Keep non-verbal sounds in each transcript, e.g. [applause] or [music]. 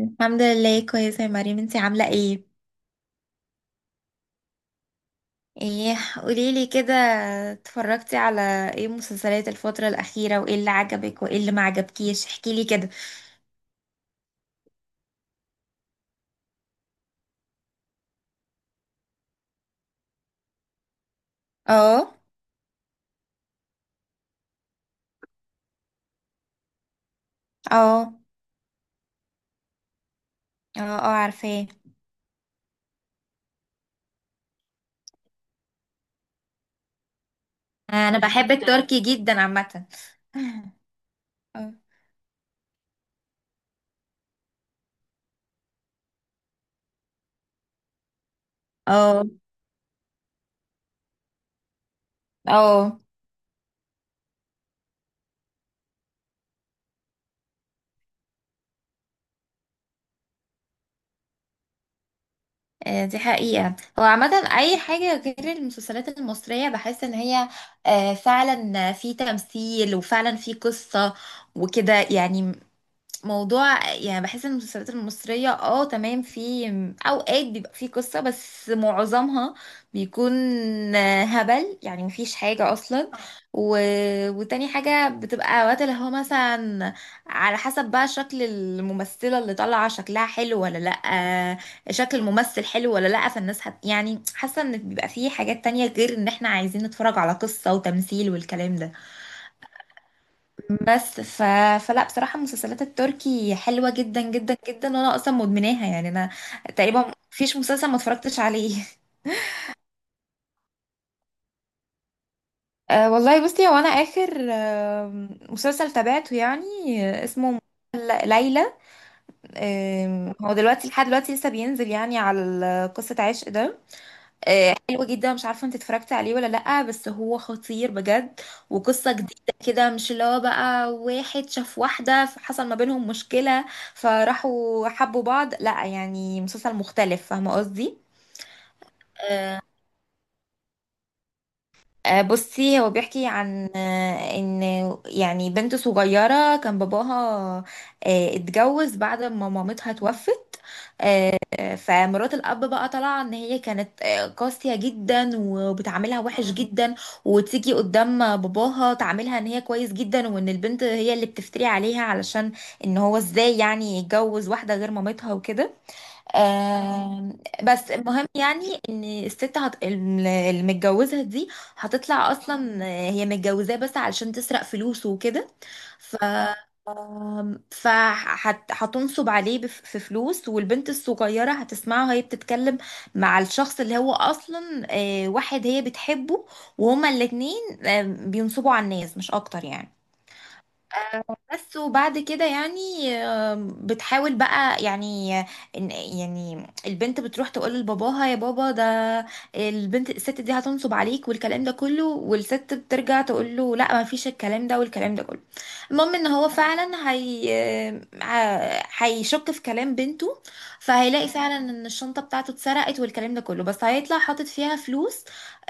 الحمد لله كويسة يا مريم، انتي عاملة ايه؟ ايه، قوليلي كده. اتفرجتي على ايه مسلسلات الفترة الأخيرة وايه اللي عجبك وايه اللي ما عجبكيش؟ احكيلي كده. اه. اه. اه. اه، عارفاه. انا بحب التركي جدا عامة. [laughs] اه. اه. اه. دي حقيقة. هو عامة أي حاجة غير المسلسلات المصرية بحس إن هي فعلا في تمثيل وفعلا في قصة وكده يعني، موضوع يعني بحس ان المسلسلات المصرية اه تمام، في اوقات بيبقى في قصة بس معظمها بيكون هبل، يعني مفيش حاجة اصلا. و... وتاني حاجة بتبقى اوقات اللي هو مثلا على حسب بقى شكل الممثلة اللي طالعة شكلها حلو ولا لأ، شكل الممثل حلو ولا لأ، فالناس يعني حاسة ان بيبقى في حاجات تانية غير ان احنا عايزين نتفرج على قصة وتمثيل والكلام ده. بس فلا بصراحة المسلسلات التركي حلوة جدا جدا جدا، وانا اصلا مدمناها يعني. انا تقريبا مفيش مسلسل ما اتفرجتش عليه. [laughs] أه والله بصي، هو انا اخر مسلسل تابعته يعني، اسمه ليلى. هو دلوقتي لحد دلوقتي لسه بينزل يعني على قصة عشق ده. حلو جدا. مش عارفه انت اتفرجتي عليه ولا لأ، بس هو خطير بجد. وقصه جديده كده، مش اللي هو بقى واحد شاف واحده حصل ما بينهم مشكله فراحوا حبوا بعض، لأ يعني مسلسل مختلف. فاهمه قصدي؟ آه، بصي، هو بيحكي عن ان يعني بنت صغيره كان باباها اتجوز بعد ما مامتها توفت. فمرات الاب بقى طالعه ان هي كانت قاسيه جدا وبتعاملها وحش جدا، وتيجي قدام باباها تعاملها ان هي كويس جدا، وان البنت هي اللي بتفتري عليها علشان ان هو ازاي يعني يتجوز واحده غير مامتها وكده. بس المهم يعني ان الست المتجوزة دي هتطلع اصلا هي متجوزاه بس علشان تسرق فلوسه وكده. ف فهتنصب عليه في فلوس. والبنت الصغيرة هتسمعها هي بتتكلم مع الشخص اللي هو أصلا واحد هي بتحبه، وهما الاتنين بينصبوا على الناس مش أكتر يعني. بس وبعد كده يعني بتحاول بقى يعني، يعني البنت بتروح تقول لباباها: يا بابا، ده البنت الست دي هتنصب عليك والكلام ده كله. والست بترجع تقول له: لا، ما فيش الكلام ده والكلام ده كله. المهم ان هو فعلا هي هيشك في كلام بنته، فهيلاقي فعلا ان الشنطة بتاعته اتسرقت والكلام ده كله، بس هيطلع حاطط فيها فلوس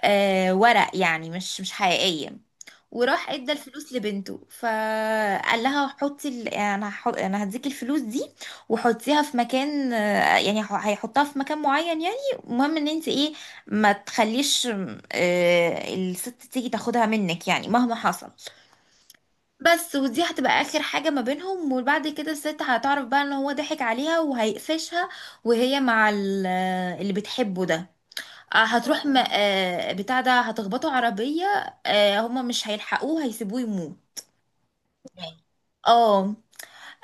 ورق يعني، مش حقيقية. وراح ادى الفلوس لبنته فقال لها: حطي ال... يعني انا انا هديك الفلوس دي وحطيها في مكان، يعني هيحطها في مكان معين يعني. المهم ان انت ايه، ما تخليش الست تيجي تاخدها منك يعني، مهما حصل. بس ودي هتبقى اخر حاجة ما بينهم. وبعد كده الست هتعرف بقى ان هو ضحك عليها وهيقفشها، وهي مع اللي بتحبه ده. هتروح بتاع ده، هتخبطوا عربية. هما مش هيلحقوه، هيسيبوه يموت. اه.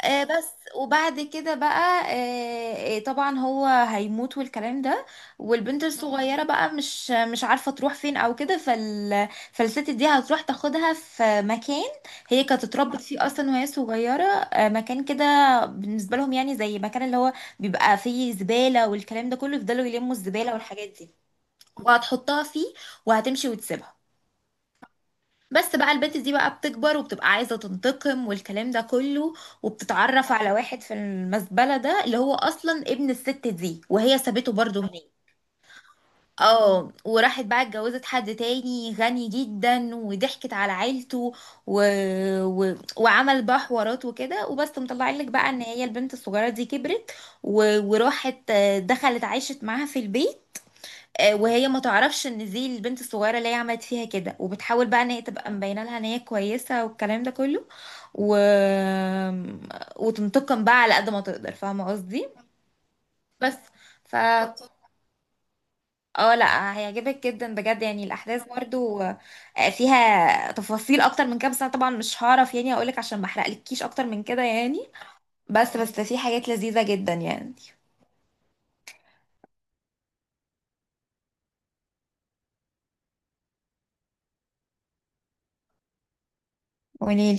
بس. وبعد كده بقى طبعا هو هيموت والكلام ده. والبنت الصغيرة بقى مش عارفة تروح فين او كده. فالست دي هتروح تاخدها في مكان هي كانت اتربت فيه اصلا وهي صغيرة. مكان كده بالنسبة لهم يعني، زي مكان اللي هو بيبقى فيه زبالة والكلام ده كله، يفضلوا يلموا الزبالة والحاجات دي، وهتحطها فيه وهتمشي وتسيبها. بس بقى البنت دي بقى بتكبر وبتبقى عايزة تنتقم والكلام ده كله، وبتتعرف على واحد في المزبلة ده اللي هو أصلا ابن الست دي وهي سابته برضه هناك. اه، وراحت بقى اتجوزت حد تاني غني جدا وضحكت على عيلته. و... وعمل بقى حوارات وكده، وبس مطلع لك بقى ان هي البنت الصغيرة دي كبرت. وراحت دخلت عايشت معاها في البيت. وهي ما تعرفش ان دي البنت الصغيره اللي هي عملت فيها كده، وبتحاول بقى ان هي تبقى مبينه لها ان هي كويسه والكلام ده كله. و... وتنتقم بقى على قد ما تقدر. فاهمه قصدي؟ بس ف اه لا هيعجبك جدا بجد يعني. الاحداث برضو فيها تفاصيل اكتر من كده، بس انا طبعا مش هعرف يعني اقولك، عشان ما احرقلكيش اكتر من كده يعني. بس في حاجات لذيذه جدا يعني. قوليلي.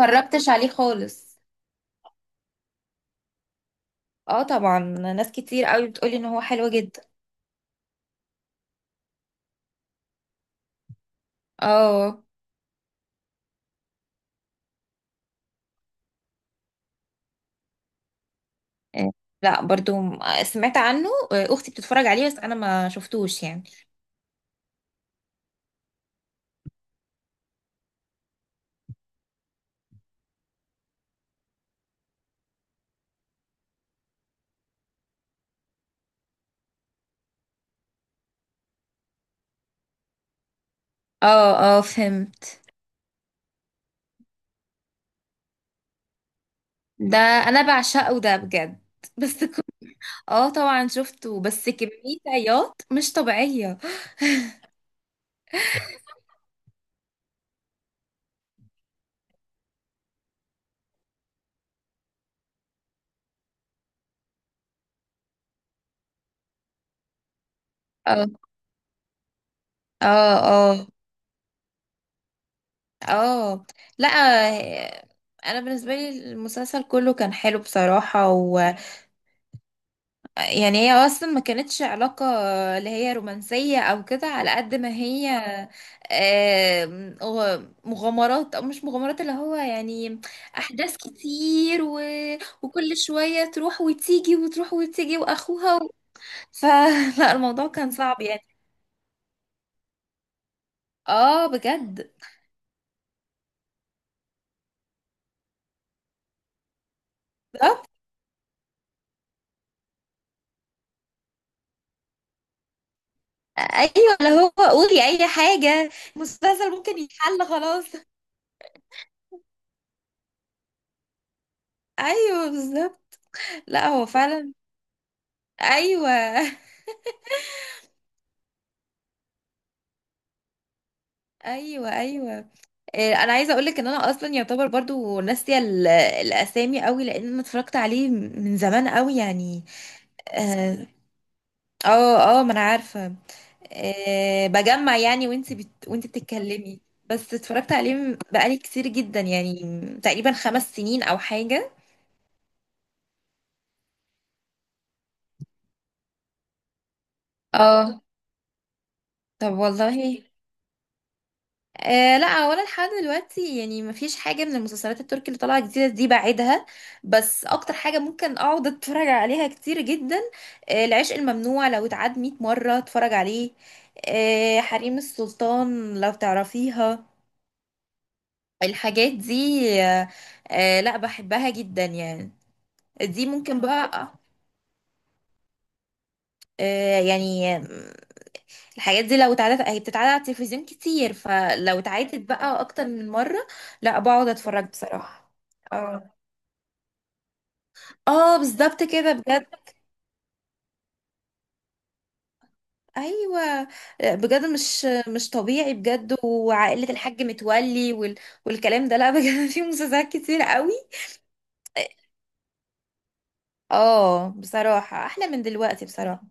اتفرجتش عليه خالص. اه، طبعا ناس كتير قوي بتقولي ان هو حلو جدا. اه. آه، لا برضو سمعت عنه. اختي بتتفرج عليه، بس انا ما شفتوش يعني. اه. اه فهمت. ده انا بعشقه ده بجد. [laughs] بس اه طبعا شفته، بس كمية عياط مش طبيعية. اه. اه. اه. اه. لا انا بالنسبة لي المسلسل كله كان حلو بصراحة. يعني هي اصلا ما كانتش علاقة اللي هي رومانسية او كده، على قد ما هي مغامرات او مش مغامرات، اللي هو يعني احداث كتير. وكل شوية تروح وتيجي وتروح وتيجي واخوها فلا [laughs] الموضوع كان صعب يعني. اه بجد. آه، ايوه، اللي هو قولي اي حاجة، مسلسل ممكن يتحل خلاص. ايوه بالظبط. لا هو فعلا. ايوه. [laughs] ايوه. ايوه. انا عايزه اقولك ان انا اصلا يعتبر برضو ناسيه الاسامي قوي، لان انا اتفرجت عليه من زمان قوي يعني. اه. اه. ما انا عارفه. آه بجمع يعني وانت وانت بتتكلمي، بس اتفرجت عليه بقالي كتير جدا يعني، تقريبا خمس سنين او حاجه. اه. طب والله آه لا، هو انا لحد دلوقتي يعني مفيش حاجه من المسلسلات التركي اللي طالعه جديده دي بعيدها، بس اكتر حاجه ممكن اقعد اتفرج عليها كتير جدا، آه العشق الممنوع، لو اتعاد 100 مره اتفرج عليه. آه حريم السلطان لو تعرفيها. الحاجات دي، آه، آه لا بحبها جدا يعني. دي ممكن بقى آه يعني آم، الحاجات دي لو اتعادت، هي بتتعاد على التلفزيون كتير، فلو اتعادت بقى اكتر من مره، لا بقعد اتفرج بصراحه. اه. اه بالظبط كده بجد. ايوه بجد مش طبيعي بجد. وعائله الحاج متولي والكلام ده، لا بجد. [laughs] في مسلسلات كتير قوي. اه بصراحه احلى من دلوقتي بصراحه.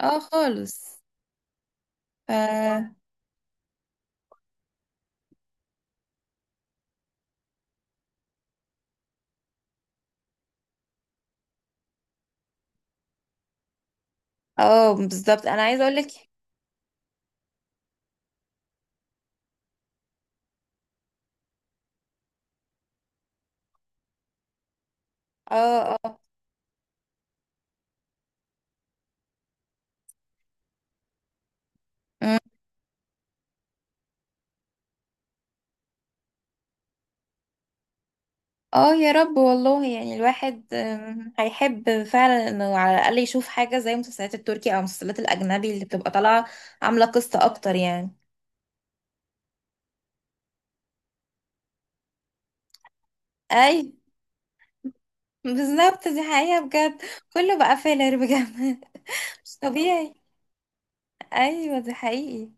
اه خالص. ف... اه بالظبط انا عايزه اقول لك. اه. اه. أمم. اه يا رب والله، يعني الواحد هيحب فعلا انه على الاقل يشوف حاجه زي المسلسلات التركي او المسلسلات الاجنبي اللي بتبقى طالعه، عامله قصه اكتر يعني. اي بالظبط، دي حقيقة بجد. كله بقى فيلر بجد. [laughs] مش طبيعي. ايوه ده حقيقي.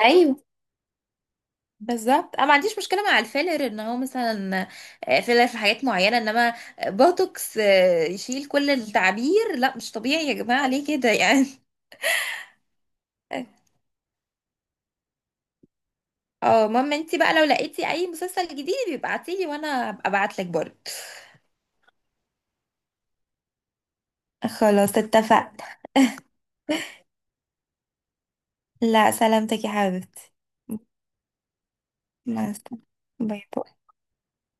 ايوه بالظبط، انا ما عنديش مشكله مع الفيلر ان هو مثلا فيلر في حاجات معينه، انما بوتوكس يشيل كل التعبير، لا مش طبيعي يا جماعه، ليه كده يعني. [laughs] اه، ماما انتي بقى لو لقيتي اي مسلسل جديد ابعتيلي، وانا ابقى ابعت لك برضه. خلاص اتفقنا. لا سلامتك يا حبيبتي. مع السلامه. باي باي.